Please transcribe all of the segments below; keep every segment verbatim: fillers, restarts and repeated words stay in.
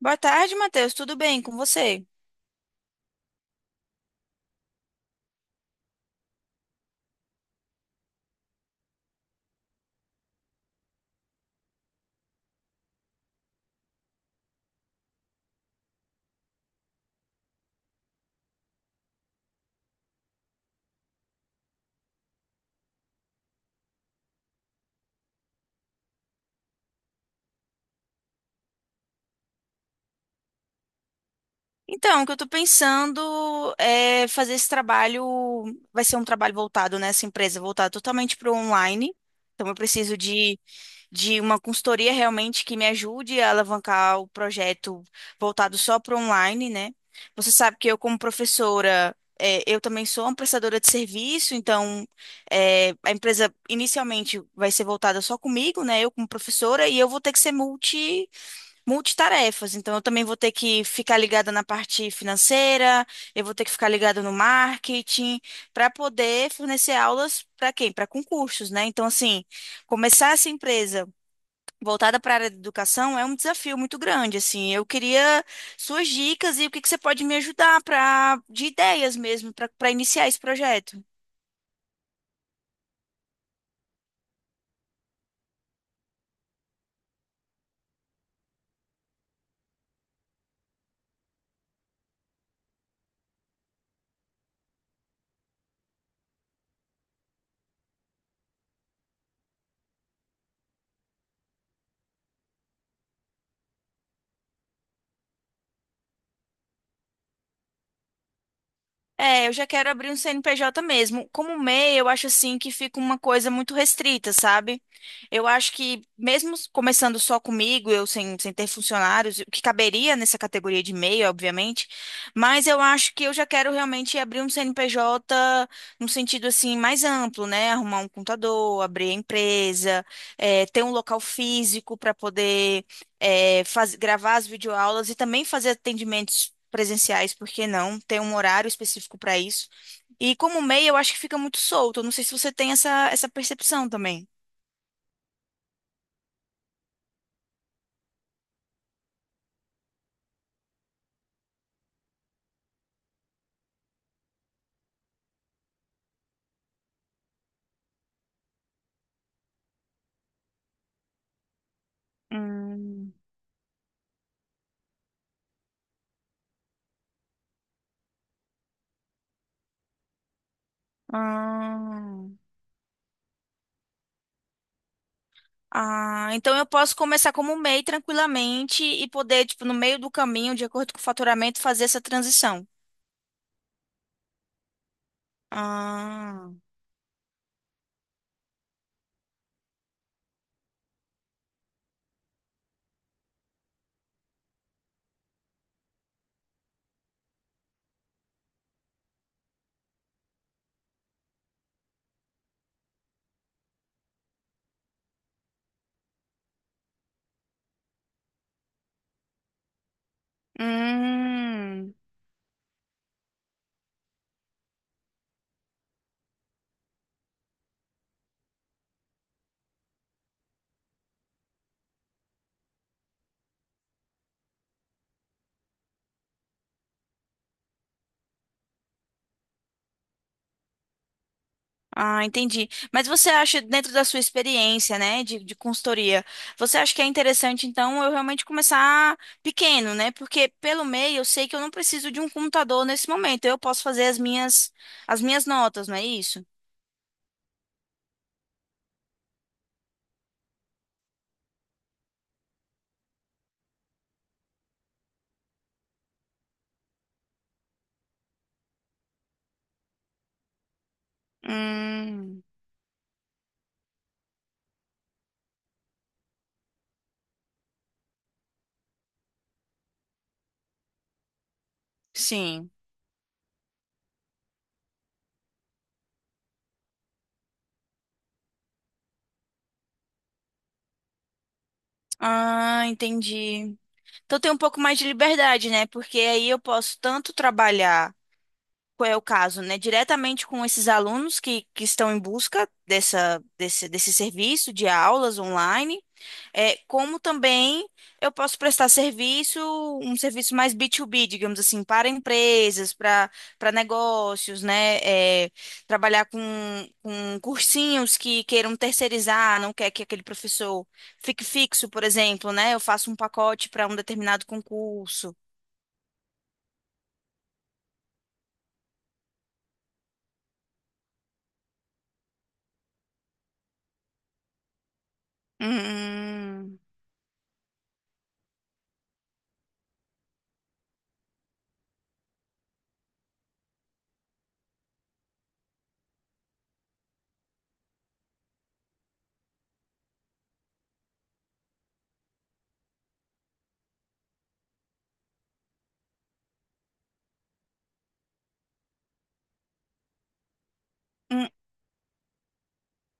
Boa tarde, Matheus. Tudo bem com você? Então, o que eu tô pensando é fazer esse trabalho, vai ser um trabalho voltado nessa empresa, voltado totalmente para o online. Então, eu preciso de, de uma consultoria realmente que me ajude a alavancar o projeto voltado só para o online, né? Você sabe que eu, como professora, é, eu também sou uma prestadora de serviço, então é, a empresa inicialmente vai ser voltada só comigo, né? Eu como professora, e eu vou ter que ser multi multitarefas. Então, eu também vou ter que ficar ligada na parte financeira, eu vou ter que ficar ligada no marketing, para poder fornecer aulas para quem? Para concursos, né? Então, assim, começar essa empresa voltada para a área de educação é um desafio muito grande, assim. Eu queria suas dicas e o que que você pode me ajudar para de ideias mesmo para para iniciar esse projeto. É, eu já quero abrir um C N P J mesmo. Como MEI, eu acho assim que fica uma coisa muito restrita, sabe? Eu acho que mesmo s- começando só comigo, eu sem, sem ter funcionários, o que caberia nessa categoria de MEI, obviamente, mas eu acho que eu já quero realmente abrir um C N P J no sentido assim mais amplo, né? Arrumar um contador, abrir a empresa, eh, ter um local físico para poder é, faz- gravar as videoaulas e também fazer atendimentos presenciais, por que não? Ter um horário específico para isso. E como MEI, eu acho que fica muito solto. Eu não sei se você tem essa, essa percepção também. Hum. Ah. Ah, então eu posso começar como MEI tranquilamente e poder, tipo, no meio do caminho, de acordo com o faturamento, fazer essa transição. Ah, hum. Ah, entendi. Mas você acha, dentro da sua experiência, né, de, de consultoria, você acha que é interessante, então, eu realmente começar pequeno, né? Porque pelo meio eu sei que eu não preciso de um computador nesse momento. Eu posso fazer as minhas, as minhas notas, não é isso? Hum, sim. Ah, entendi. Então tem um pouco mais de liberdade, né? Porque aí eu posso tanto trabalhar, qual é o caso, né? Diretamente com esses alunos que, que estão em busca dessa, desse, desse serviço de aulas online. É, como também eu posso prestar serviço, um serviço mais B dois B, digamos assim, para empresas, para para negócios, né? É, trabalhar com, com cursinhos que queiram terceirizar, não quer que aquele professor fique fixo, por exemplo, né? Eu faço um pacote para um determinado concurso. Hum, hum.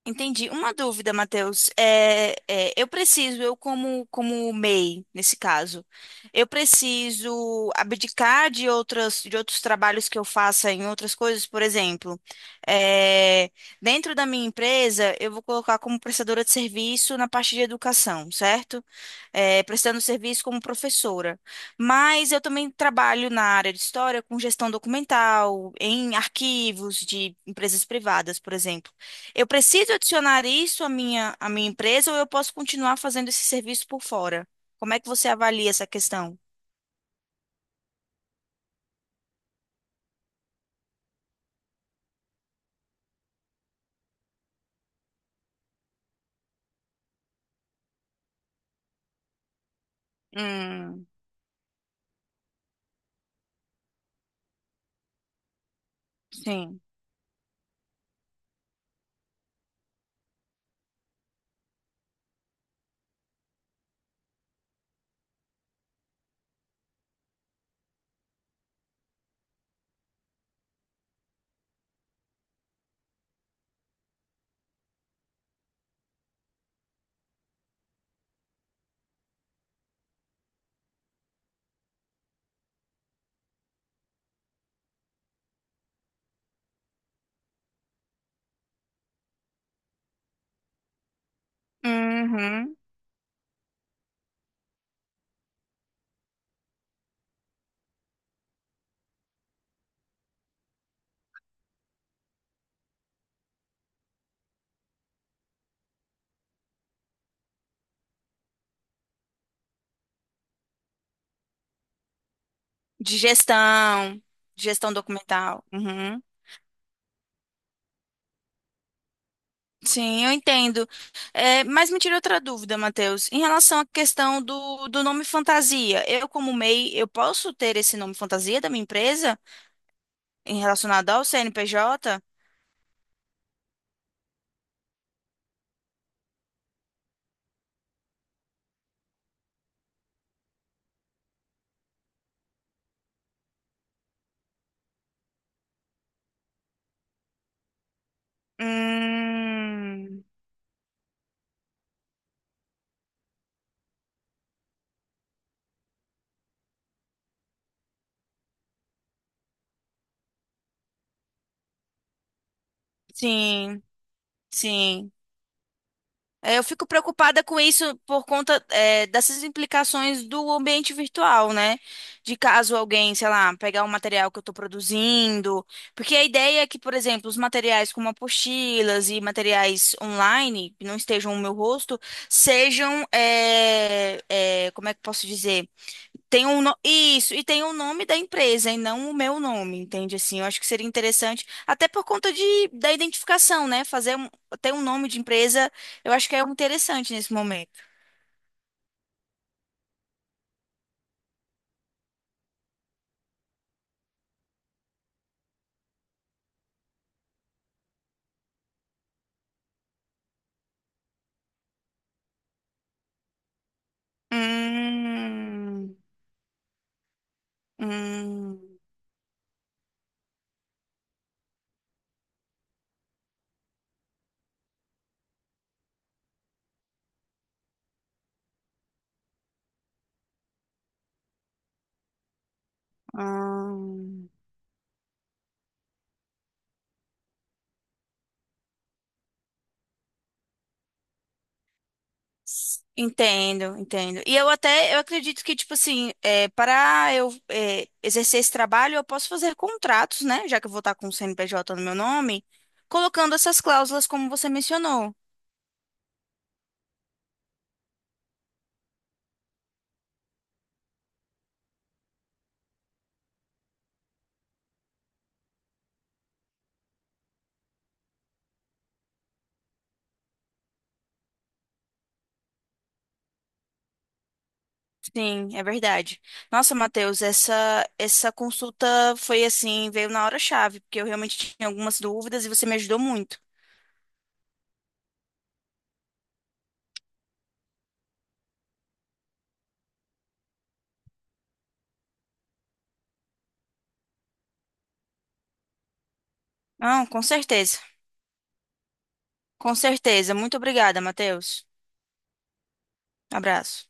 Entendi. Uma dúvida, Matheus. É, é, eu preciso, eu como, como MEI, nesse caso, eu preciso abdicar de outras, de outros trabalhos que eu faça em outras coisas, por exemplo, é, dentro da minha empresa, eu vou colocar como prestadora de serviço na parte de educação, certo? É, prestando serviço como professora. Mas eu também trabalho na área de história com gestão documental, em arquivos de empresas privadas, por exemplo. Eu preciso adicionar isso à minha, à minha empresa ou eu posso continuar fazendo esse serviço por fora? Como é que você avalia essa questão? Hum, sim. Uhum. De gestão, de gestão documental. Uhum. Sim, eu entendo. É, mas me tirou outra dúvida, Matheus. Em relação à questão do, do nome fantasia, eu, como MEI, eu posso ter esse nome fantasia da minha empresa em relacionado ao C N P J? Hum, sim, sim. É, eu fico preocupada com isso por conta, é, dessas implicações do ambiente virtual, né? De caso alguém, sei lá, pegar o material que eu estou produzindo. Porque a ideia é que, por exemplo, os materiais como apostilas e materiais online, que não estejam no meu rosto, sejam, é, é, como é que eu posso dizer? Tem um, no- isso, e tem o nome da empresa e não o meu nome, entende? Assim, eu acho que seria interessante, até por conta de, da identificação, né? Fazer um, ter um nome de empresa, eu acho que é interessante nesse momento. Hum, hum, hum. Entendo, entendo. E eu até, eu acredito que, tipo assim, é, para eu é, exercer esse trabalho, eu posso fazer contratos, né? Já que eu vou estar com o C N P J no meu nome, colocando essas cláusulas como você mencionou. Sim, é verdade. Nossa, Matheus, essa essa consulta foi assim, veio na hora-chave, porque eu realmente tinha algumas dúvidas e você me ajudou muito. Não, com certeza. Com certeza. Muito obrigada, Matheus. Abraço.